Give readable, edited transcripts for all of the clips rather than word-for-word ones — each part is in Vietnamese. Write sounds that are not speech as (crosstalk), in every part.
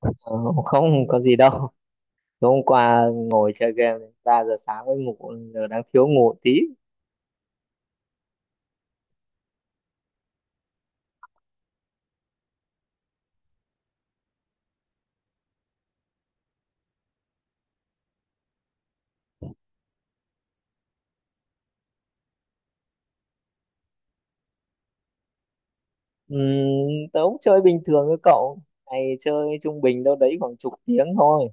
Ờ, Không có gì đâu. Tối hôm qua ngồi chơi game đến ba giờ sáng mới ngủ, giờ đang thiếu ngủ tí. Ừm, Tớ cũng chơi bình thường với cậu, ngày chơi trung bình đâu đấy khoảng chục tiếng thôi.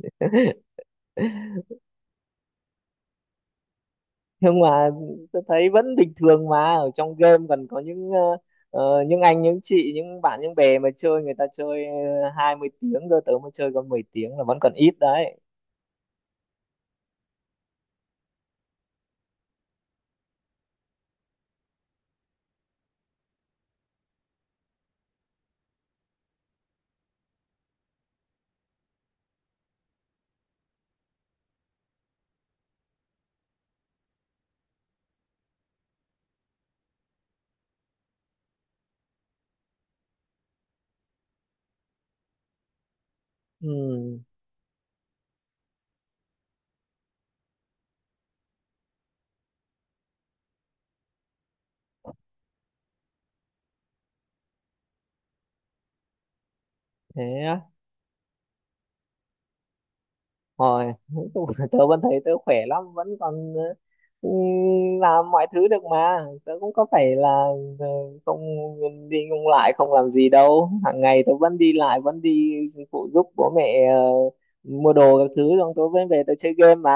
(laughs) Nhưng mà tớ thấy vẫn bình thường mà, ở trong game còn có những những anh những chị những bạn những bè mà chơi, người ta chơi hai mươi tiếng cơ, tớ mới chơi có 10 tiếng là vẫn còn ít đấy. Ừm, Thế á. Rồi, (laughs) nói chung là tớ vẫn thấy tớ khỏe lắm, vẫn còn ừ, làm mọi thứ được mà. Tớ cũng có phải là ừ, không đi không lại, không làm gì đâu. Hàng ngày tớ vẫn đi lại, vẫn đi phụ giúp bố mẹ mua đồ các thứ, xong tớ mới về tớ chơi game mà.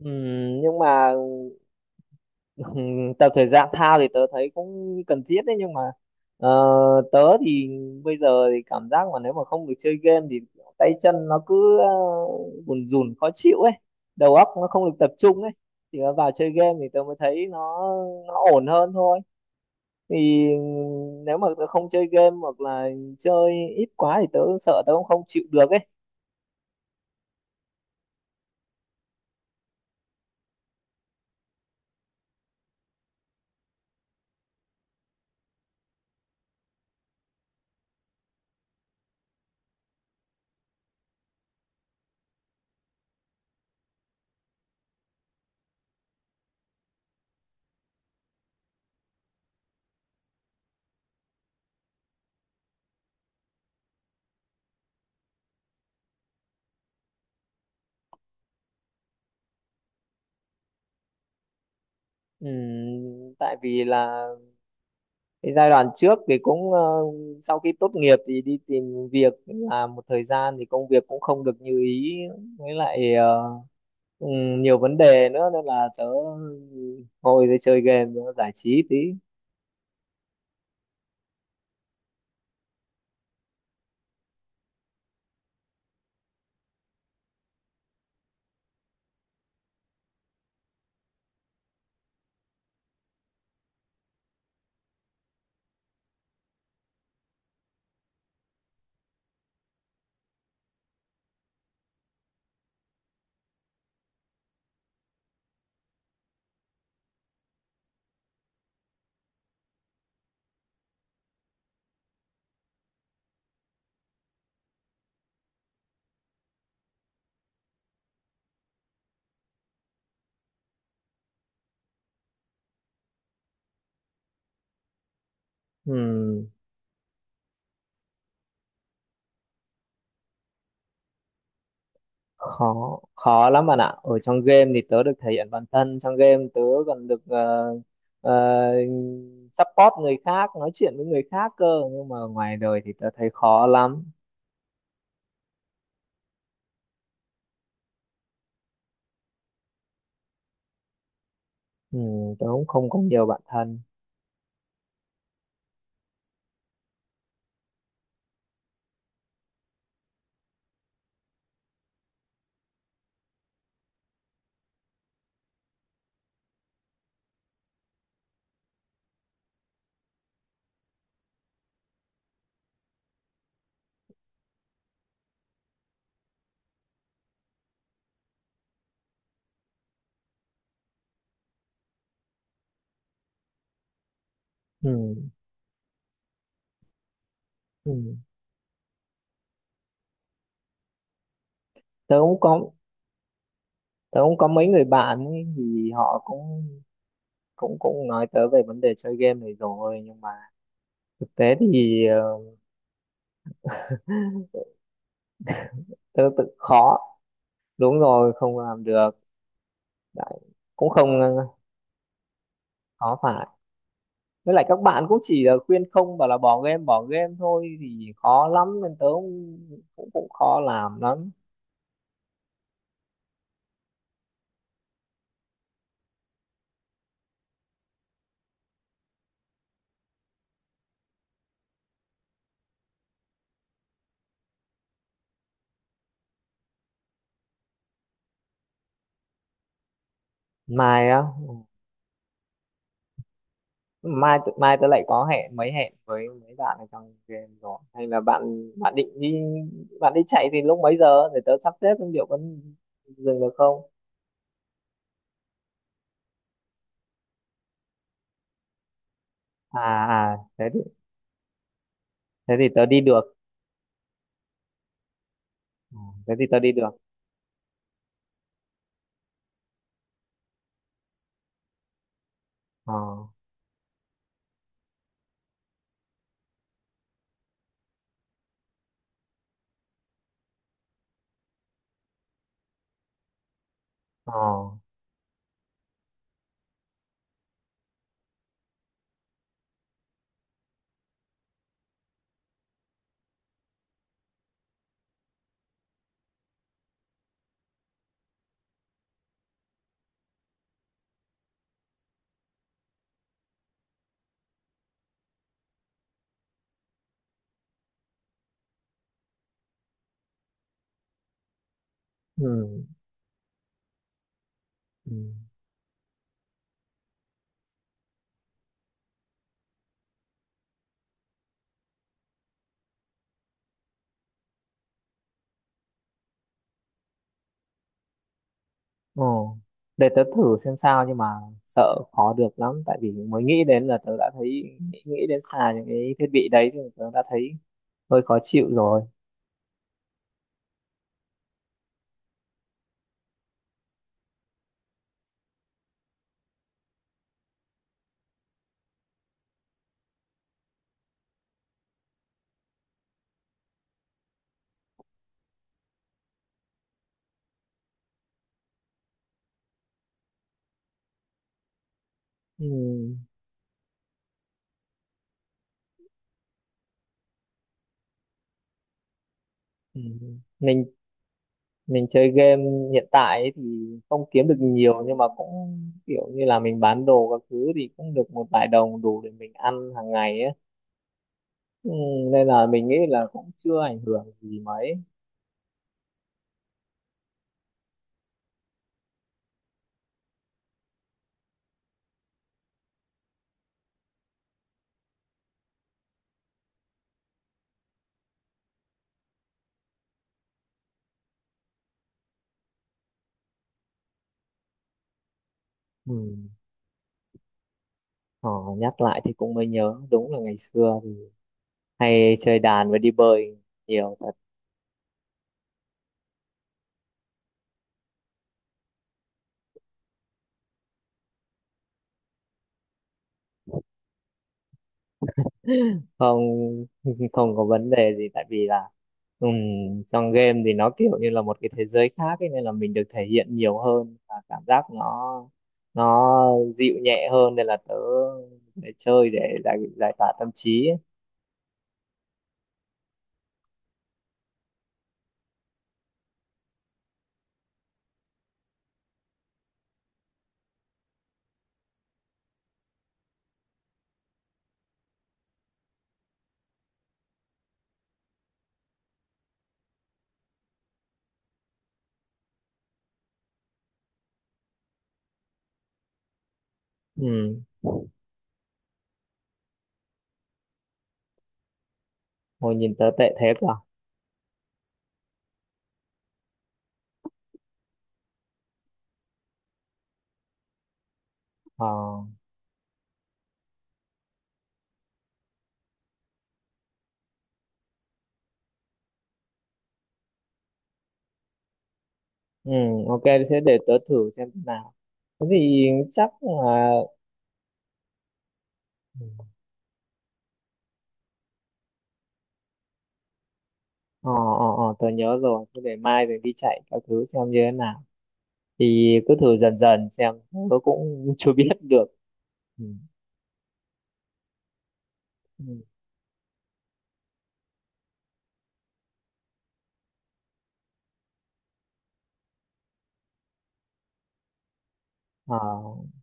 Nhưng mà ừ, tập thể dục thao thì tớ thấy cũng cần thiết đấy, nhưng mà ờ, tớ thì bây giờ thì cảm giác mà nếu mà không được chơi game thì tay chân nó cứ bùn rùn khó chịu ấy, đầu óc nó không được tập trung ấy, thì nó vào chơi game thì tớ mới thấy nó ổn hơn thôi. Thì nếu mà tớ không chơi game hoặc là chơi ít quá thì tớ sợ tớ cũng không chịu được ấy. Tại vì là cái giai đoạn trước thì cũng sau khi tốt nghiệp thì đi tìm việc làm một thời gian thì công việc cũng không được như ý, với lại nhiều vấn đề nữa nên là tớ ngồi để chơi game nữa, giải trí tí. Ừm, Khó khó lắm bạn ạ, ở trong game thì tớ được thể hiện bản thân, trong game tớ còn được ờ, support người khác, nói chuyện với người khác cơ, nhưng mà ngoài đời thì tớ thấy khó lắm. Tớ cũng không có nhiều bạn thân. Ừm, ừm. tớ cũng có tớ cũng có mấy người bạn ấy, thì họ cũng cũng cũng nói tớ về vấn đề chơi game này rồi, nhưng mà thực tế thì tớ tự khó, đúng rồi, không làm được. Đấy. Cũng không khó phải, với lại các bạn cũng chỉ là khuyên không, bảo là bỏ game thôi thì khó lắm, nên tớ cũng cũng khó làm lắm. Mai á? Mai tớ lại có hẹn hẹn với mấy bạn ở trong game rồi, hay là bạn bạn định đi, bạn đi chạy thì lúc mấy giờ để tớ sắp xếp xem liệu có dừng được không. À, à thế thì tớ đi được. Ừ, thế thì tớ đi được. Ờ, ờ, ừ, ừ, ờ, để tớ thử xem sao, nhưng mà sợ khó được lắm, tại vì mới nghĩ đến là tớ đã thấy nghĩ đến xài những cái thiết bị đấy thì tớ đã thấy hơi khó chịu rồi. Ừ. Ừ. mình mình chơi game hiện tại ấy thì không kiếm được nhiều, nhưng mà cũng kiểu như là mình bán đồ các thứ thì cũng được một vài đồng đủ để mình ăn hàng ngày ấy, ừ, nên là mình nghĩ là cũng chưa ảnh hưởng gì mấy. Ừ. ờ, Nhắc lại thì cũng mới nhớ, đúng là ngày xưa thì hay chơi đàn và đi bơi nhiều. Không, (laughs) không có vấn đề gì, tại vì là trong game thì nó kiểu như là một cái thế giới khác ấy, nên là mình được thể hiện nhiều hơn và cảm giác nó dịu nhẹ hơn, nên là tớ để chơi để giải giải tỏa tâm trí ấy. Ừm, hồi nhìn tớ tệ thế cơ? Ờ, ok, thế để tớ thử xem thế nào. Thế thì chắc là ờ, ờ, ờ, tớ nhớ rồi, thế để mai rồi đi chạy các thứ xem như thế nào, thì cứ thử dần dần xem. Tớ cũng (laughs) chưa biết được. Ừ. Ừ. Ờ,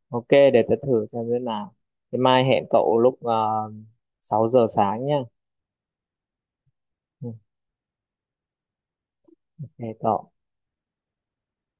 ok, để tớ thử xem thế nào. Thế mai hẹn cậu lúc 6 giờ sáng nhá. Ừ. Ok cậu.